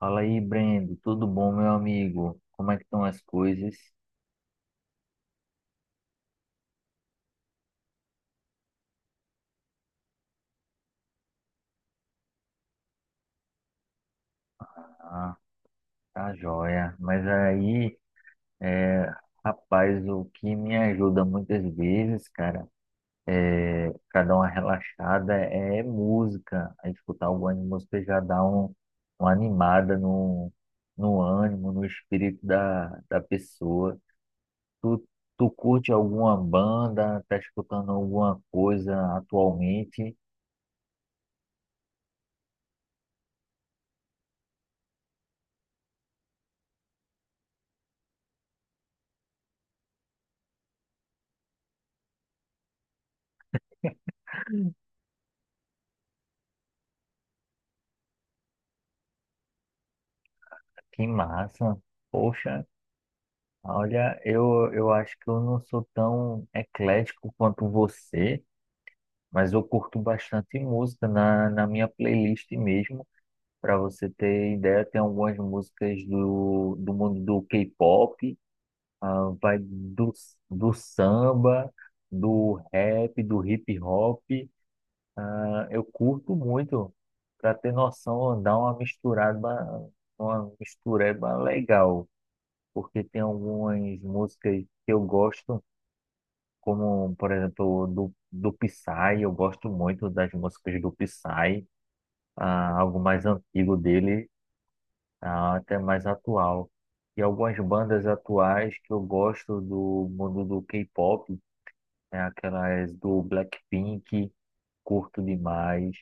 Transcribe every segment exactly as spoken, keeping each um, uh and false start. Fala aí, Brendo. Tudo bom, meu amigo? Como é que estão as coisas? Ah, tá joia. Mas aí, é, rapaz, o que me ajuda muitas vezes, cara, é, pra dar uma relaxada é música. A escutar alguma música já dá um, uma animada no, no ânimo, no espírito da, da pessoa. Tu, tu curte alguma banda? Tá escutando alguma coisa atualmente? Que massa! Poxa. Olha, eu, eu acho que eu não sou tão eclético quanto você, mas eu curto bastante música na, na minha playlist mesmo. Para você ter ideia, tem algumas músicas do, do mundo do K-pop, ah, vai do, do samba, do rap, do hip hop. Ah, eu curto muito. Para ter noção, dá uma misturada, uma mistureba legal, porque tem algumas músicas que eu gosto, como, por exemplo, do, do Psy. Eu gosto muito das músicas do Psy, ah, algo mais antigo dele, ah, até mais atual. E algumas bandas atuais que eu gosto do mundo do K-pop é aquelas do Blackpink, curto demais.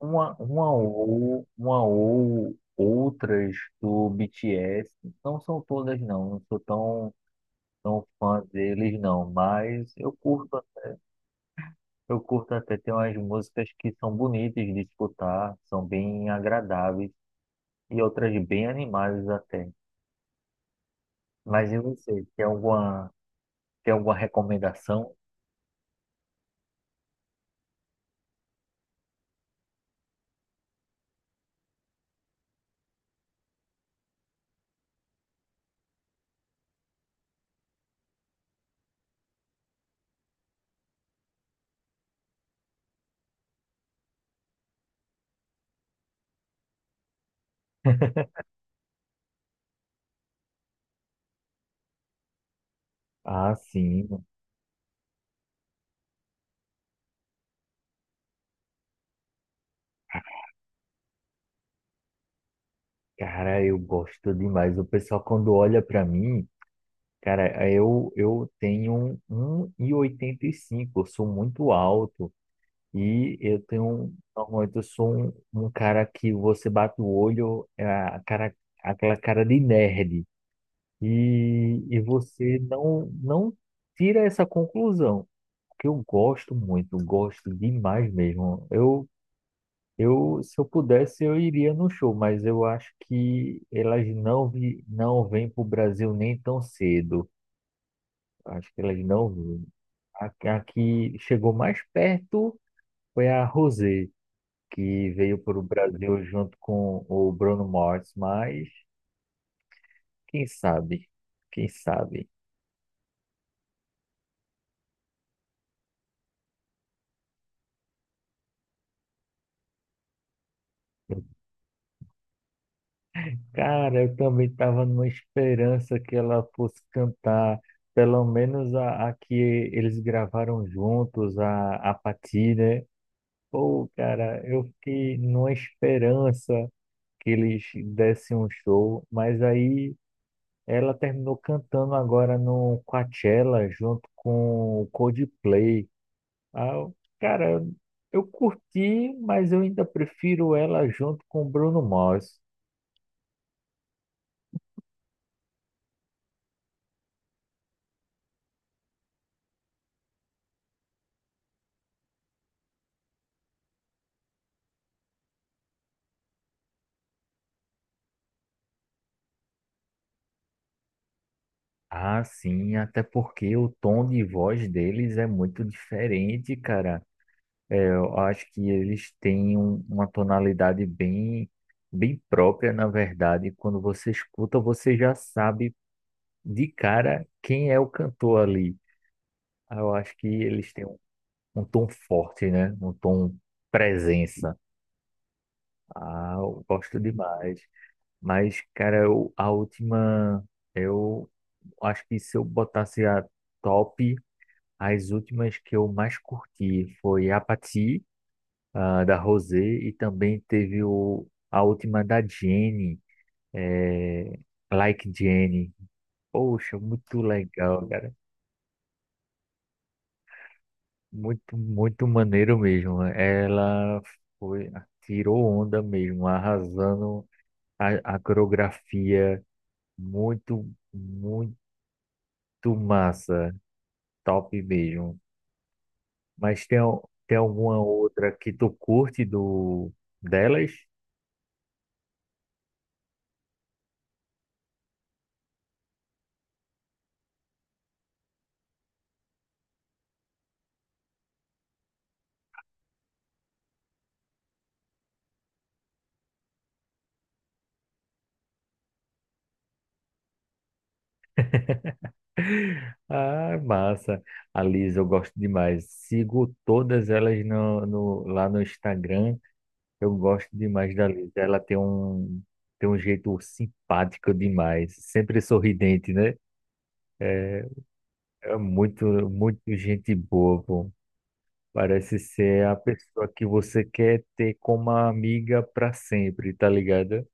Uma, uma ou, uma ou outras do B T S. Não são todas não, não sou tão, tão fã deles não, mas eu curto. Eu curto até, ter umas músicas que são bonitas de escutar, são bem agradáveis e outras bem animadas até. Mas e você, tem alguma, tem alguma recomendação? Ah, sim, cara, eu gosto demais. O pessoal quando olha pra mim, cara, eu eu tenho um e e oitenta e cinco. Eu sou muito alto e eu tenho, normalmente eu sou um, um cara que você bate o olho, é a cara, aquela cara de nerd. E, e você não, não tira essa conclusão, porque eu gosto muito, gosto demais mesmo. Eu, eu, se eu pudesse, eu iria no show, mas eu acho que elas não, vi, não vêm para o Brasil nem tão cedo. Acho que elas não vêm. A, a que chegou mais perto foi a Rosé, que veio para o Brasil junto com o Bruno Mars, mas quem sabe, quem sabe. Cara, eu também estava numa esperança que ela fosse cantar, pelo menos a, a que eles gravaram juntos, a, a Patti, né? Pô, cara, eu fiquei numa esperança que eles dessem um show, mas aí ela terminou cantando agora no Coachella junto com o Coldplay. Ah, eu- cara, eu curti, mas eu ainda prefiro ela junto com o Bruno Mars. Ah, sim, até porque o tom de voz deles é muito diferente, cara. É, eu acho que eles têm um- uma tonalidade bem, bem própria, na verdade. Quando você escuta, você já sabe de cara quem é o cantor ali. Ah, eu acho que eles têm um, um tom forte, né? Um tom presença. Ah, eu gosto demais. Mas, cara, eu- a última, eu acho que se eu botasse a top. As últimas que eu mais curti foi Apathy, ah, da Rosé, e também teve o, a última da Jenny, eh, Like Jenny. Poxa, muito legal, cara. Muito, muito maneiro mesmo. Ela foi, tirou onda mesmo, arrasando a, a coreografia. Muito, muito massa. Top mesmo. Mas tem, al- tem alguma outra que tu curte do delas? Ah, massa. A Liz, eu gosto demais. Sigo todas elas no, no- lá no Instagram. Eu gosto demais da Liz. Ela tem um, tem um jeito simpático demais. Sempre sorridente, né? É muito, muito gente boa, pô. Parece ser a pessoa que você quer ter como amiga para sempre, tá ligado?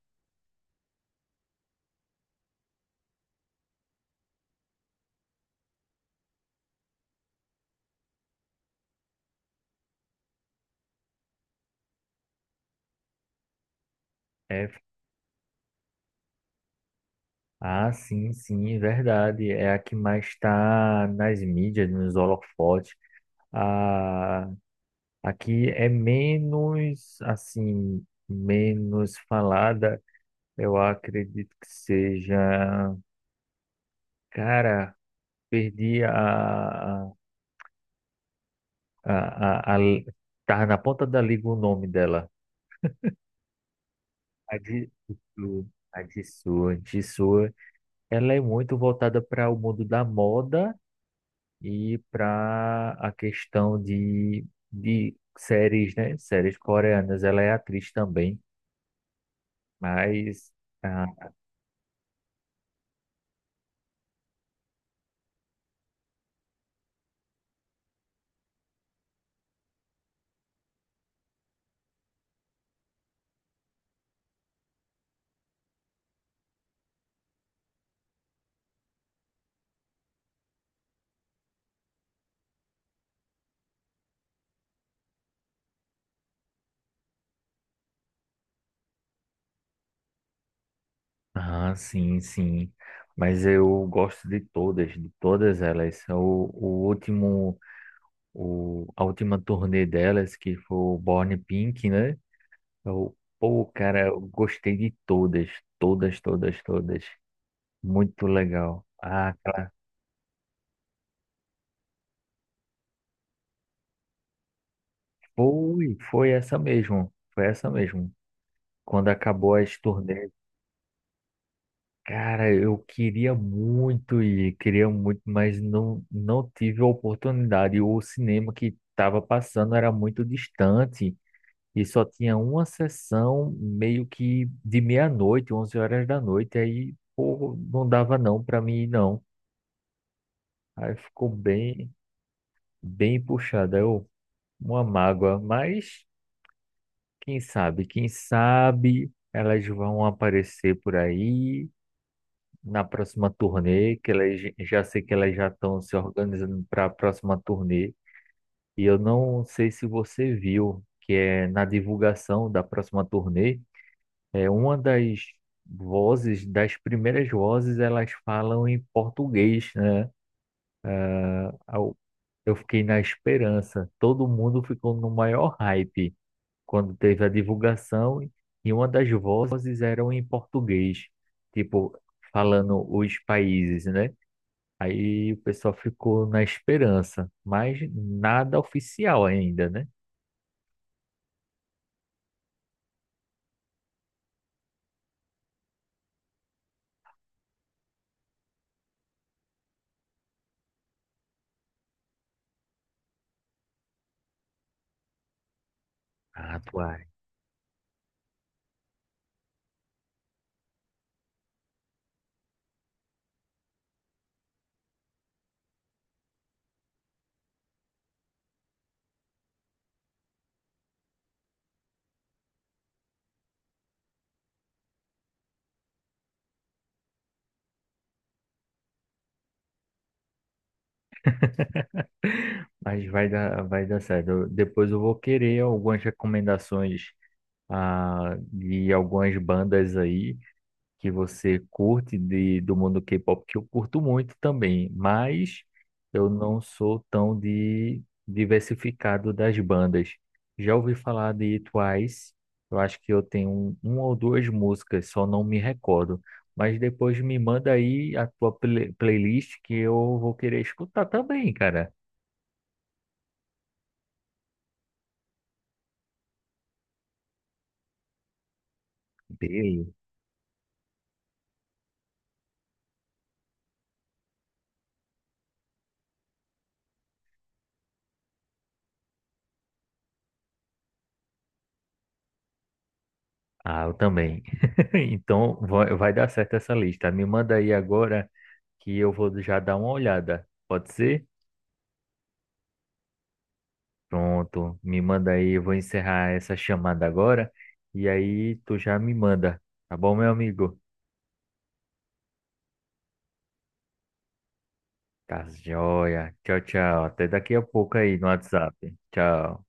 É. Ah, sim, sim, verdade. É a que mais está nas mídias, nos holofotes. Ah, aqui é menos, assim, menos falada. Eu acredito que seja. Cara, perdi a. a, a, a, a- tá na ponta da língua o nome dela. A de a Jisoo, Jisoo, ela é muito voltada para o mundo da moda e para a questão de, de séries, né? Séries coreanas. Ela é atriz também, mas, ah, ah, sim, sim. Mas eu gosto de todas, de todas elas. É O, o último, o, a última turnê delas, que foi o Born Pink, né? Eu, pô, cara, eu gostei de todas, todas, todas, todas. Muito legal. Ah, cara, foi, foi essa mesmo, foi essa mesmo. Quando acabou as turnês, cara, eu queria muito ir, queria muito, mas não, não tive a oportunidade. O cinema que estava passando era muito distante e só tinha uma sessão meio que de meia-noite, onze horas da noite. Aí, pô, não dava não para mim ir, não. Aí ficou bem, bem puxado. Aí Eu, uma mágoa, mas quem sabe, quem sabe elas vão aparecer por aí na próxima turnê, que elas j- já sei que elas já estão se organizando para a próxima turnê. E eu não sei se você viu que é na divulgação da próxima turnê, é uma das vozes, das primeiras vozes, elas falam em português, né? Au- eu fiquei na esperança. Todo mundo ficou no maior hype quando teve a divulgação e uma das vozes eram em português, tipo falando os países, né? Aí o pessoal ficou na esperança, mas nada oficial ainda, né? Ah, atuar. Mas vai dar, vai dar certo. Eu- Depois eu vou querer algumas recomendações, ah, de algumas bandas aí que você curte de, do mundo K-pop, que eu curto muito também, mas eu não sou tão de diversificado das bandas. Já ouvi falar de Twice, eu acho que eu tenho um, uma ou duas músicas, só não me recordo. Mas depois me manda aí a tua play- playlist que eu vou querer escutar também, cara. Beleza. Ah, eu também. Então vai vai dar certo essa lista. Me manda aí agora que eu vou já dar uma olhada. Pode ser? Pronto, me manda aí, eu vou encerrar essa chamada agora e aí tu já me manda, tá bom, meu amigo? Tá joia. Tchau, tchau. Até daqui a pouco aí no WhatsApp. Tchau.